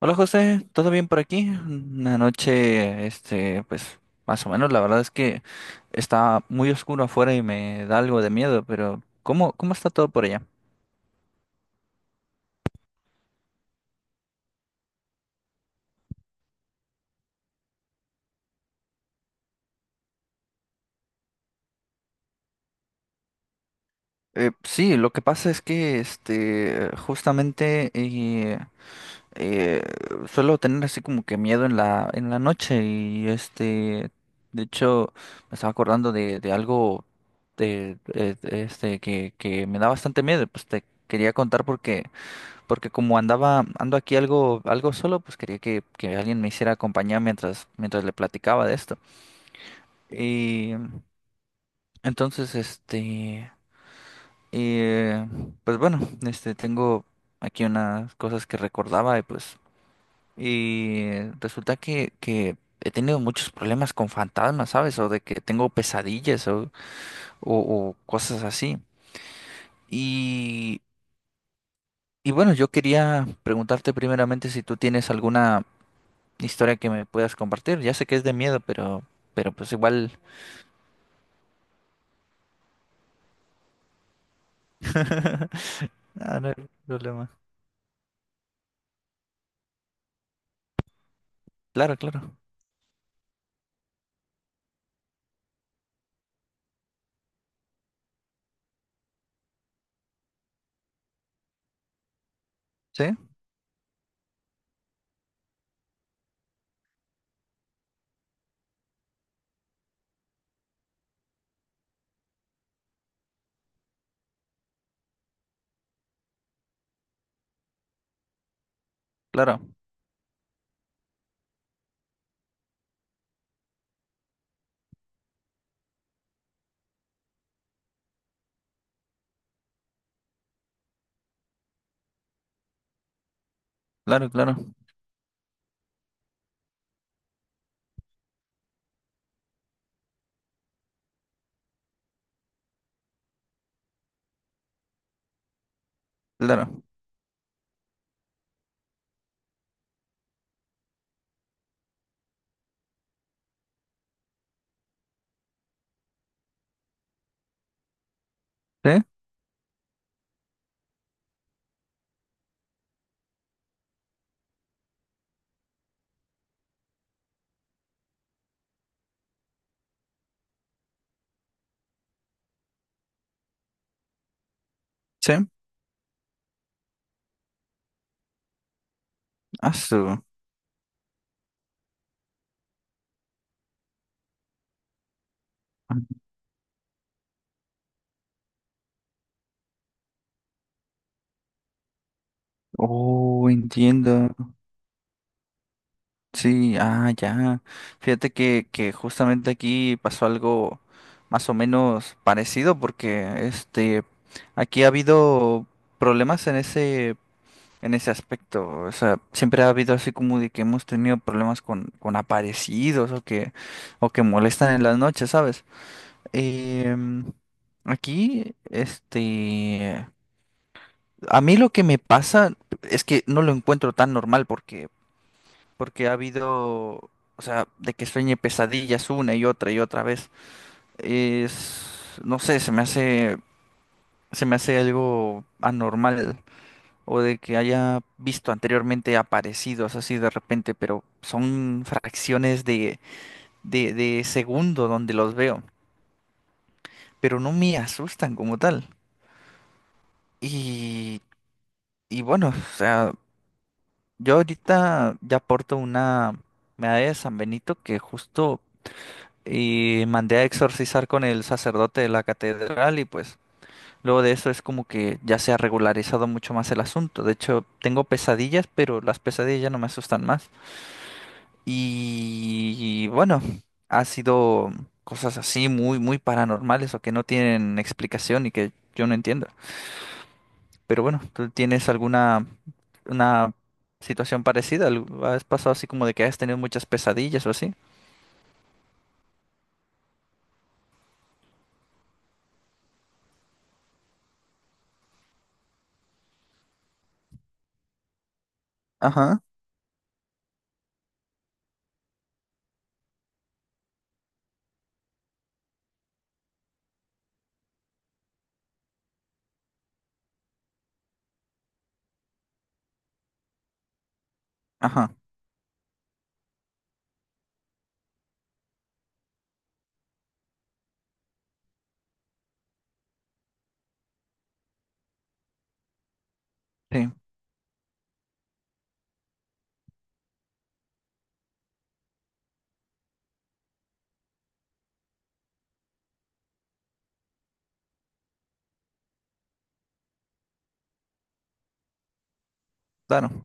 Hola José, ¿todo bien por aquí? Una noche, pues más o menos, la verdad es que está muy oscuro afuera y me da algo de miedo, pero ¿cómo está todo por allá? Sí, lo que pasa es que, justamente eh, suelo tener así como que miedo en la noche y, de hecho, me estaba acordando de algo de que me da bastante miedo, pues te quería contar porque... porque como ando aquí algo solo, pues quería que alguien me hiciera compañía mientras le platicaba de esto. Y entonces, eh, pues bueno, tengo aquí unas cosas que recordaba y pues, y resulta que he tenido muchos problemas con fantasmas, ¿sabes? O de que tengo pesadillas o cosas así. Y, y bueno, yo quería preguntarte primeramente si tú tienes alguna historia que me puedas compartir. Ya sé que es de miedo, pero pues igual. Ah, no hay problema. Claro, claro. Sí, claro, claro, claro, claro. Sí, sí. Ah, su- Oh, entiendo. Sí, ah, ya. Fíjate que justamente aquí pasó algo más o menos parecido porque este aquí ha habido problemas en ese aspecto. O sea, siempre ha habido así como de que hemos tenido problemas con aparecidos o o que molestan en las noches, ¿sabes? Em, aquí, a mí lo que me pasa es que no lo encuentro tan normal porque ha habido, o sea, de que sueñe pesadillas una y otra vez. Es, no sé, se me hace algo anormal. O de que haya visto anteriormente aparecidos así de repente, pero son fracciones de segundo donde los veo, pero no me asustan como tal. Y, y bueno, o sea, yo ahorita ya porto una medalla de San Benito que justo mandé a exorcizar con el sacerdote de la catedral y pues... Luego de eso es como que ya se ha regularizado mucho más el asunto. De hecho, tengo pesadillas, pero las pesadillas ya no me asustan más. Y bueno, ha sido cosas así muy, muy paranormales o que no tienen explicación y que yo no entiendo. Pero bueno, ¿tú tienes alguna una situación parecida? ¿Al- ¿Has pasado así como de que has tenido muchas pesadillas o así? Ajá, ajá, sí, claro.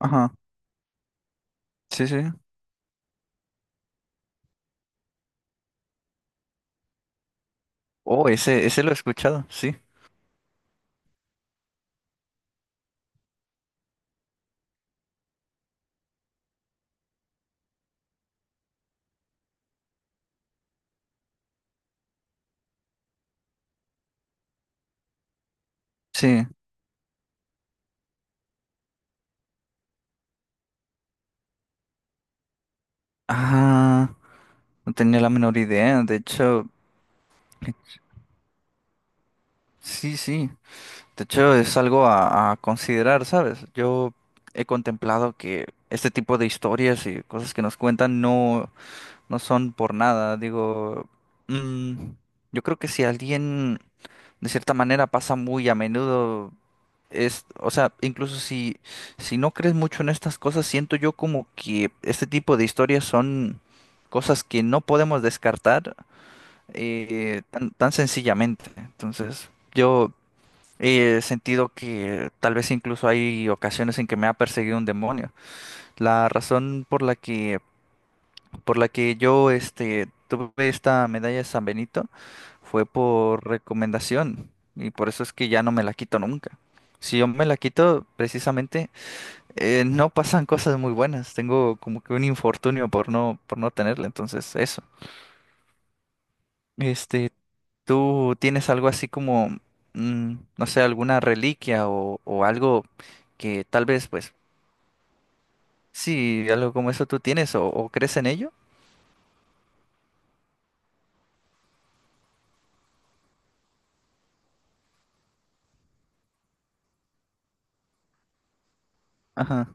Ajá, sí, sí. Oh, ese lo he escuchado, sí. Sí. Ah, no tenía la menor idea. De hecho, sí, sí. De hecho, es algo a considerar, ¿sabes? Yo he contemplado que este tipo de historias y cosas que nos cuentan no son por nada. Digo, mm, yo creo que si alguien de cierta manera pasa muy a menudo, es, o sea, incluso si no crees mucho en estas cosas, siento yo como que este tipo de historias son cosas que no podemos descartar tan, tan sencillamente. Entonces, yo... he sentido que tal vez incluso hay ocasiones en que me ha perseguido un demonio. La razón por por la que yo tuve esta medalla de San Benito fue por recomendación y por eso es que ya no me la quito nunca. Si yo me la quito, precisamente, no pasan cosas muy buenas. Tengo como que un infortunio por no tenerla. Entonces, eso. Este, ¿tú tienes algo así como, no sé, alguna reliquia o algo que tal vez pues sí, algo como eso tú tienes o crees en ello. Ajá,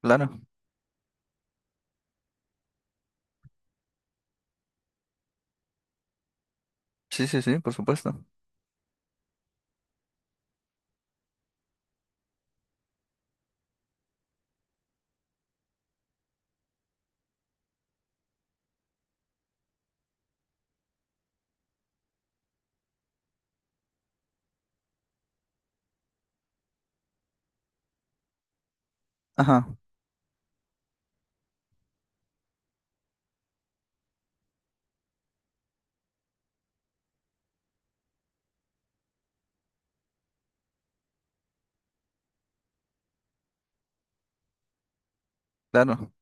claro. Sí, sí, sí, por supuesto. Ajá, claro,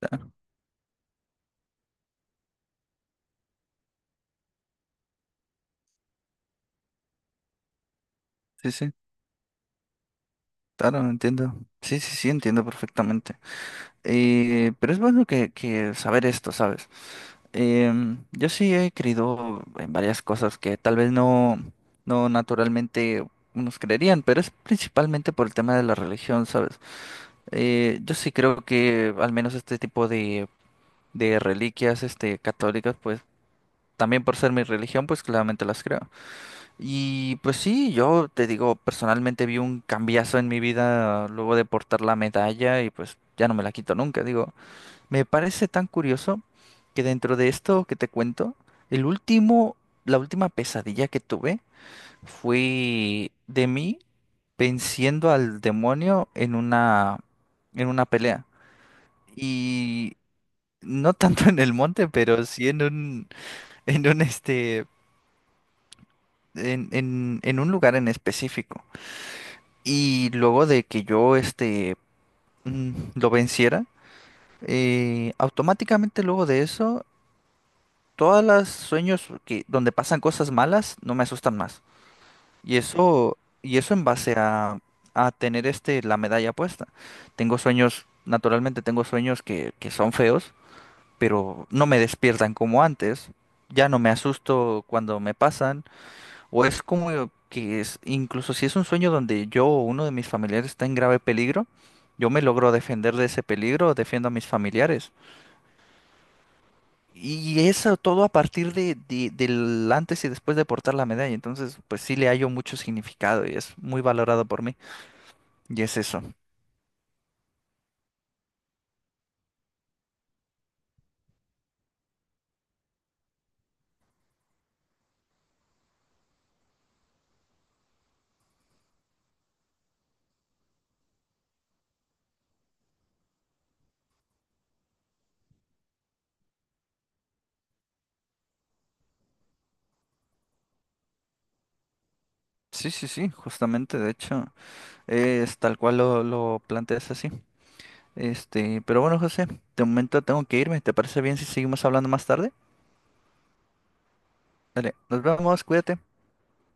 claro. Sí, sí, claro, entiendo. Sí, sí, sí, entiendo perfectamente. Pero es bueno que saber esto, ¿sabes? Yo sí he creído en varias cosas que tal vez no naturalmente nos creerían, pero es principalmente por el tema de la religión, ¿sabes? Yo sí creo que al menos este tipo de reliquias, este, católicas, pues también por ser mi religión, pues claramente las creo. Y pues sí, yo te digo, personalmente vi un cambiazo en mi vida luego de portar la medalla y pues ya no me la quito nunca. Digo, me parece tan curioso que dentro de esto que te cuento, el último, la última pesadilla que tuve fue de mí venciendo al demonio en una pelea. Y no tanto en el monte, pero sí en un este en un lugar en específico. Y luego de que yo este lo venciera, automáticamente luego de eso, todas las sueños que, donde pasan cosas malas no me asustan más. Y eso, y eso en base a tener este la medalla puesta. Tengo sueños, naturalmente tengo sueños que son feos, pero no me despiertan como antes. Ya no me asusto cuando me pasan. O es como que es, incluso si es un sueño donde yo o uno de mis familiares está en grave peligro, yo me logro defender de ese peligro, defiendo a mis familiares. Y eso todo a partir del antes y después de portar la medalla. Entonces, pues sí le hallo mucho significado y es muy valorado por mí. Y es eso. Sí, sí, sí, justamente, de hecho, es tal cual lo planteas así. Este, pero bueno, José, de momento tengo que irme. ¿Te parece bien si seguimos hablando más tarde? Dale, nos vemos, cuídate.